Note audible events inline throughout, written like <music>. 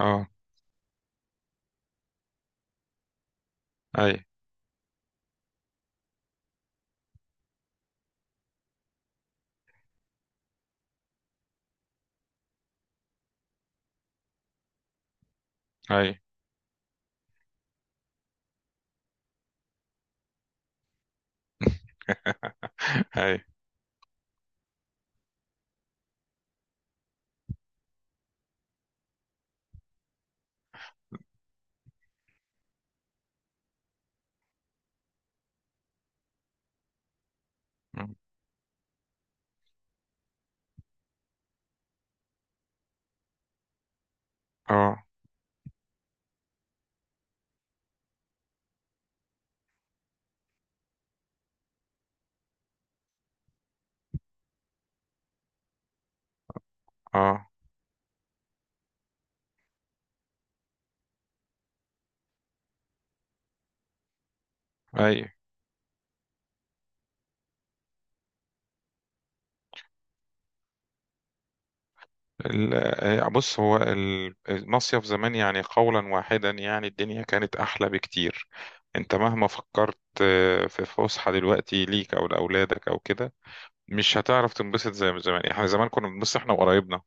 اه. اي. اي. <laughs> اي. اه. اه. اي. ال- بص هو المصيف زمان، يعني قولا واحدا، يعني الدنيا كانت احلى بكتير. انت مهما فكرت في فسحة دلوقتي ليك او لاولادك او كده، مش هتعرف تنبسط زي ما زمان. احنا زمان كنا بنبص احنا وقرايبنا.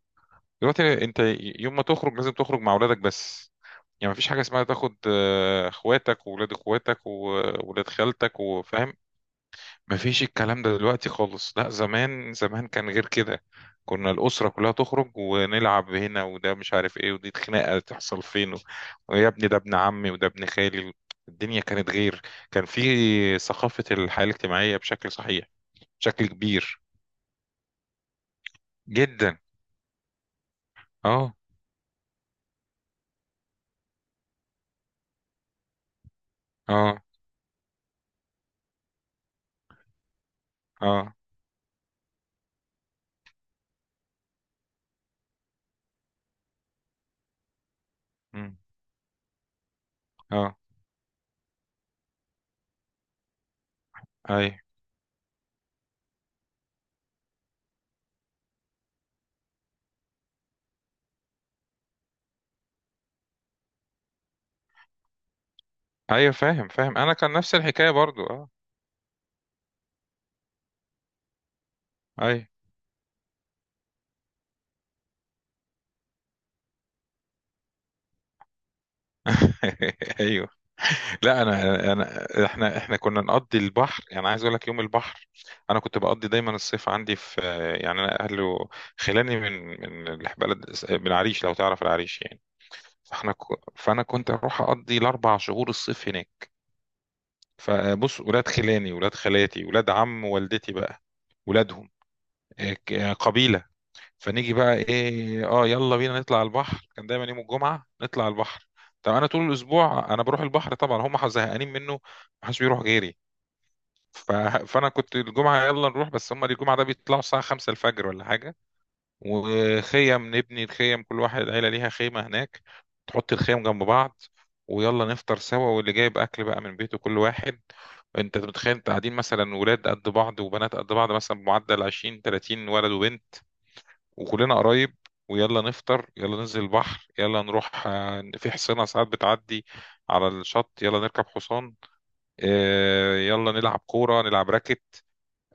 دلوقتي انت يوم ما تخرج لازم تخرج مع اولادك بس، يعني مفيش حاجة اسمها تاخد اخواتك واولاد اخواتك وولاد خالتك وفاهم. مفيش الكلام ده دلوقتي خالص. لا، زمان زمان كان غير كده. كنا الأسرة كلها تخرج ونلعب هنا، وده مش عارف ايه، ودي خناقة تحصل فين، ويا ابني ده ابن عمي وده ابن خالي. الدنيا كانت غير. كان في ثقافة الحياة الاجتماعية بشكل صحيح، بشكل كبير. جدا. اه. اه. اه. مم. اه. اي. ايوه فاهم، فاهم، انا كان نفس الحكاية برضو. اه. اي. <laughs> ايوه. لا، انا احنا كنا نقضي البحر، يعني عايز اقول لك يوم البحر. انا كنت بقضي دايما الصيف عندي في، يعني انا اهله خلاني من بلد، من العريش، لو تعرف العريش يعني. فاحنا فانا كنت اروح اقضي الاربع شهور الصيف هناك. فبص، ولاد خلاني، ولاد خالاتي، ولاد عم والدتي بقى، ولادهم إيه، قبيله. فنيجي بقى ايه، اه يلا بينا نطلع على البحر. كان دايما يوم الجمعه نطلع على البحر. طب انا طول الاسبوع انا بروح البحر طبعا، هم زهقانين منه، محدش بيروح غيري. ف... فانا كنت الجمعه يلا نروح، بس هم الجمعه ده بيطلعوا الساعه 5 الفجر ولا حاجه. وخيم نبني الخيم، كل واحد العيله ليها خيمه هناك، تحط الخيم جنب بعض، ويلا نفطر سوا، واللي جايب اكل بقى من بيته كل واحد. انت متخيل، انت قاعدين مثلا ولاد قد بعض وبنات قد بعض، مثلا بمعدل 20 30 ولد وبنت، وكلنا قرايب. ويلا نفطر، يلا ننزل البحر، يلا نروح، في حصينة ساعات بتعدي على الشط، يلا نركب حصان، يلا نلعب كورة نلعب راكت،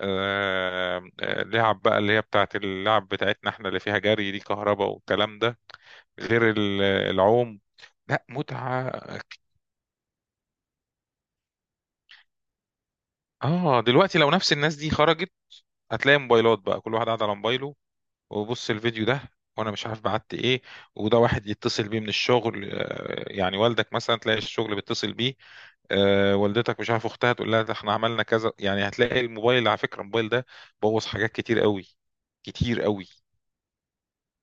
آه، لعب بقى اللي هي بتاعت اللعب بتاعتنا احنا، اللي فيها جري، دي كهرباء والكلام ده، غير العوم. لا متعة. اه. دلوقتي لو نفس الناس دي خرجت، هتلاقي موبايلات بقى، كل واحد قاعد على موبايله، وبص الفيديو ده، وانا مش عارف بعت ايه، وده واحد يتصل بيه من الشغل، يعني والدك مثلا تلاقي الشغل بيتصل بيه، والدتك مش عارف اختها تقول لها ده احنا عملنا كذا، يعني هتلاقي الموبايل. على فكرة الموبايل ده بوظ حاجات كتير قوي، كتير قوي.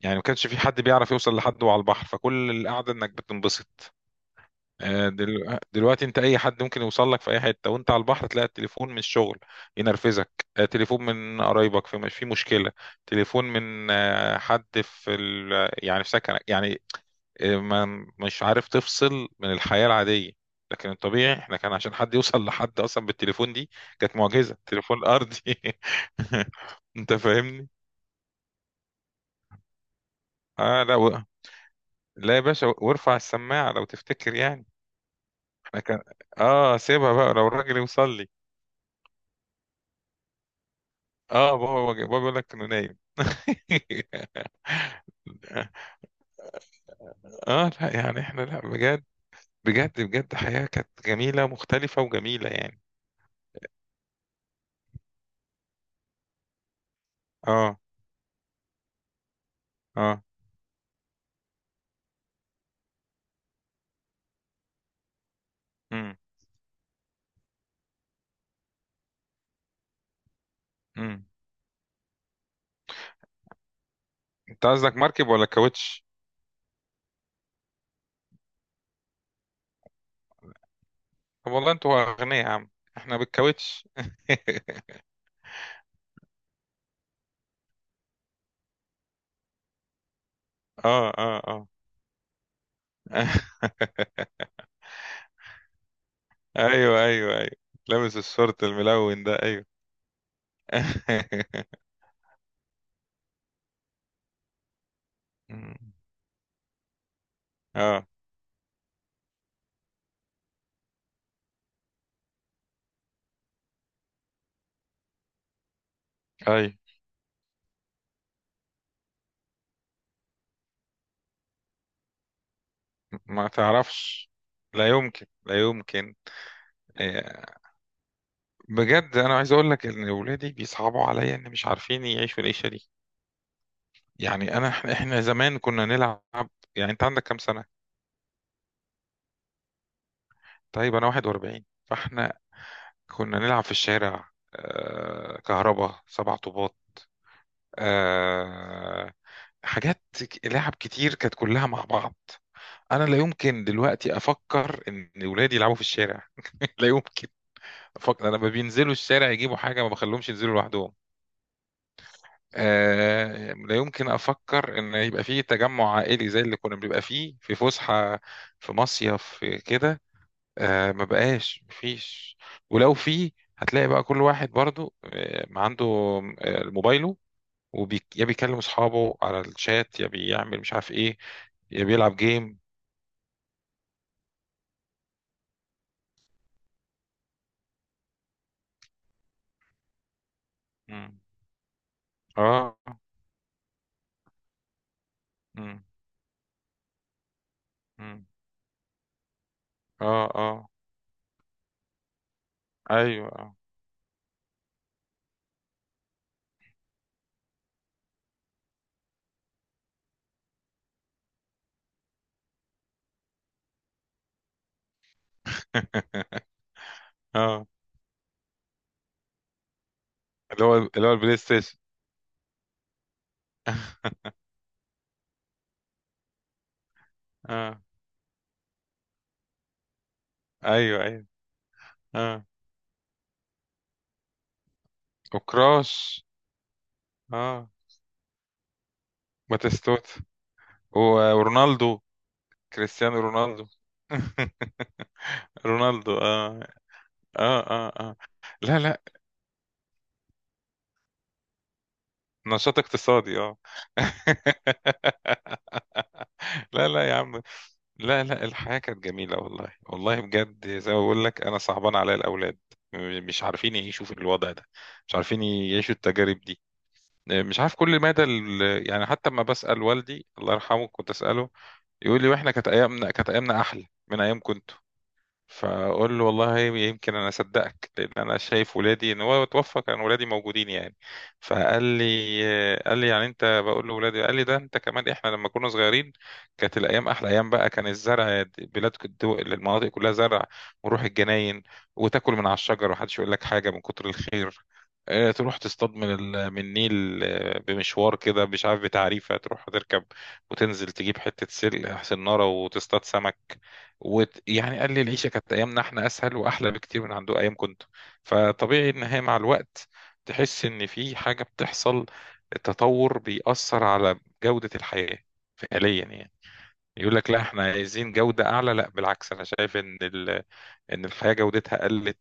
يعني ما كانش في حد بيعرف يوصل لحد وهو على البحر، فكل القعده انك بتنبسط. دلوقتي انت اي حد ممكن يوصل لك في اي حته وانت على البحر، تلاقي التليفون من الشغل ينرفزك، تليفون من قرايبك في مشكله، تليفون من حد يعني في سكنك يعني، ما مش عارف تفصل من الحياه العاديه. لكن الطبيعي احنا، كان عشان حد يوصل لحد اصلا بالتليفون دي كانت معجزه، تليفون ارضي. <laughs> انت فاهمني. اه، لا يا باشا، وارفع السماعه لو تفتكر يعني. انا كان اه، سيبها بقى لو الراجل يوصل لي. اه، بابا بيقول لك انه نايم. <laughs> اه لا، يعني احنا، لا بجد، بجد بجد حياة كانت جميلة مختلفة وجميلة يعني. اه. اه. امم. امم. انت قصدك مركب ولا كاوتش؟ طب والله انتوا اغنياء يا عم. احنا بالكاوتش. <laughs> اه. اه. اه. <laughs> ايوه. ايوه. ايوه. لابس الشورت الملون ده، ايوه. <laughs> مم. اه. ايوه. ما تعرفش. لا يمكن، لا يمكن. آه، بجد انا عايز اقول لك ان اولادي بيصعبوا عليا ان مش عارفين يعيشوا العيشه دي، يعني انا، إحنا زمان كنا نلعب. يعني انت عندك كام سنه؟ طيب انا 41، فاحنا كنا نلعب في الشارع، كهربا، سبع طوبات، آه، حاجات لعب كتير كانت كلها مع بعض. انا لا يمكن دلوقتي افكر ان ولادي يلعبوا في الشارع، <laughs> لا يمكن. لما بينزلوا الشارع يجيبوا حاجة، ما بخليهمش ينزلوا لوحدهم. لا يمكن أفكر إن يبقى فيه تجمع عائلي زي اللي كنا بنبقى فيه في فسحة، في مصيف، في كده. ما بقاش، مفيش. ولو فيه هتلاقي بقى كل واحد برضو ما عنده موبايله، يا بيكلم أصحابه على الشات، يا بيعمل مش عارف إيه، يا بيلعب جيم. مم. اه. مم. مم. اه. اه. ايوه. <laughs> اه. اللي هو البلاي ستيشن. <laughs> اه. ايوه. ايوه. اه وكراش. اه. باتيستوتا ورونالدو. كريستيانو رونالدو. <laughs> رونالدو، اه. اه. اه. اه. لا لا. نشاط اقتصادي، اه. <laughs> لا لا يا عم. لا لا، الحياة كانت جميلة، والله والله بجد، زي ما بقول لك انا صعبان عليا الاولاد، مش عارفين يعيشوا في الوضع ده، مش عارفين يعيشوا التجارب دي. مش عارف كل مدى يعني، حتى لما بسأل والدي الله يرحمه كنت أسأله، يقول لي واحنا كانت ايامنا احلى من ايامكم. فاقول له والله يمكن انا اصدقك، لان انا شايف ولادي، ان هو توفى كان ولادي موجودين يعني. فقال لي، قال لي يعني انت بقول له ولادي، قال لي ده انت كمان، احنا لما كنا صغيرين كانت الايام احلى ايام بقى. كان الزرع، المناطق كلها زرع، ونروح الجناين، وتاكل من على الشجر ومحدش يقول لك حاجه من كتر الخير. تروح تصطاد من النيل، بمشوار كده مش عارف بتعريفه، تروح تركب وتنزل تجيب حته سلق سناره وتصطاد سمك. ويعني قال لي العيشة كانت، أيامنا إحنا أسهل وأحلى بكتير من عنده أيام كنت. فطبيعي إن هي مع الوقت تحس إن في حاجة بتحصل، التطور بيأثر على جودة الحياة فعليا يعني. يقول لك لا إحنا عايزين جودة أعلى، لا بالعكس، أنا شايف إن إن الحياة جودتها قلت.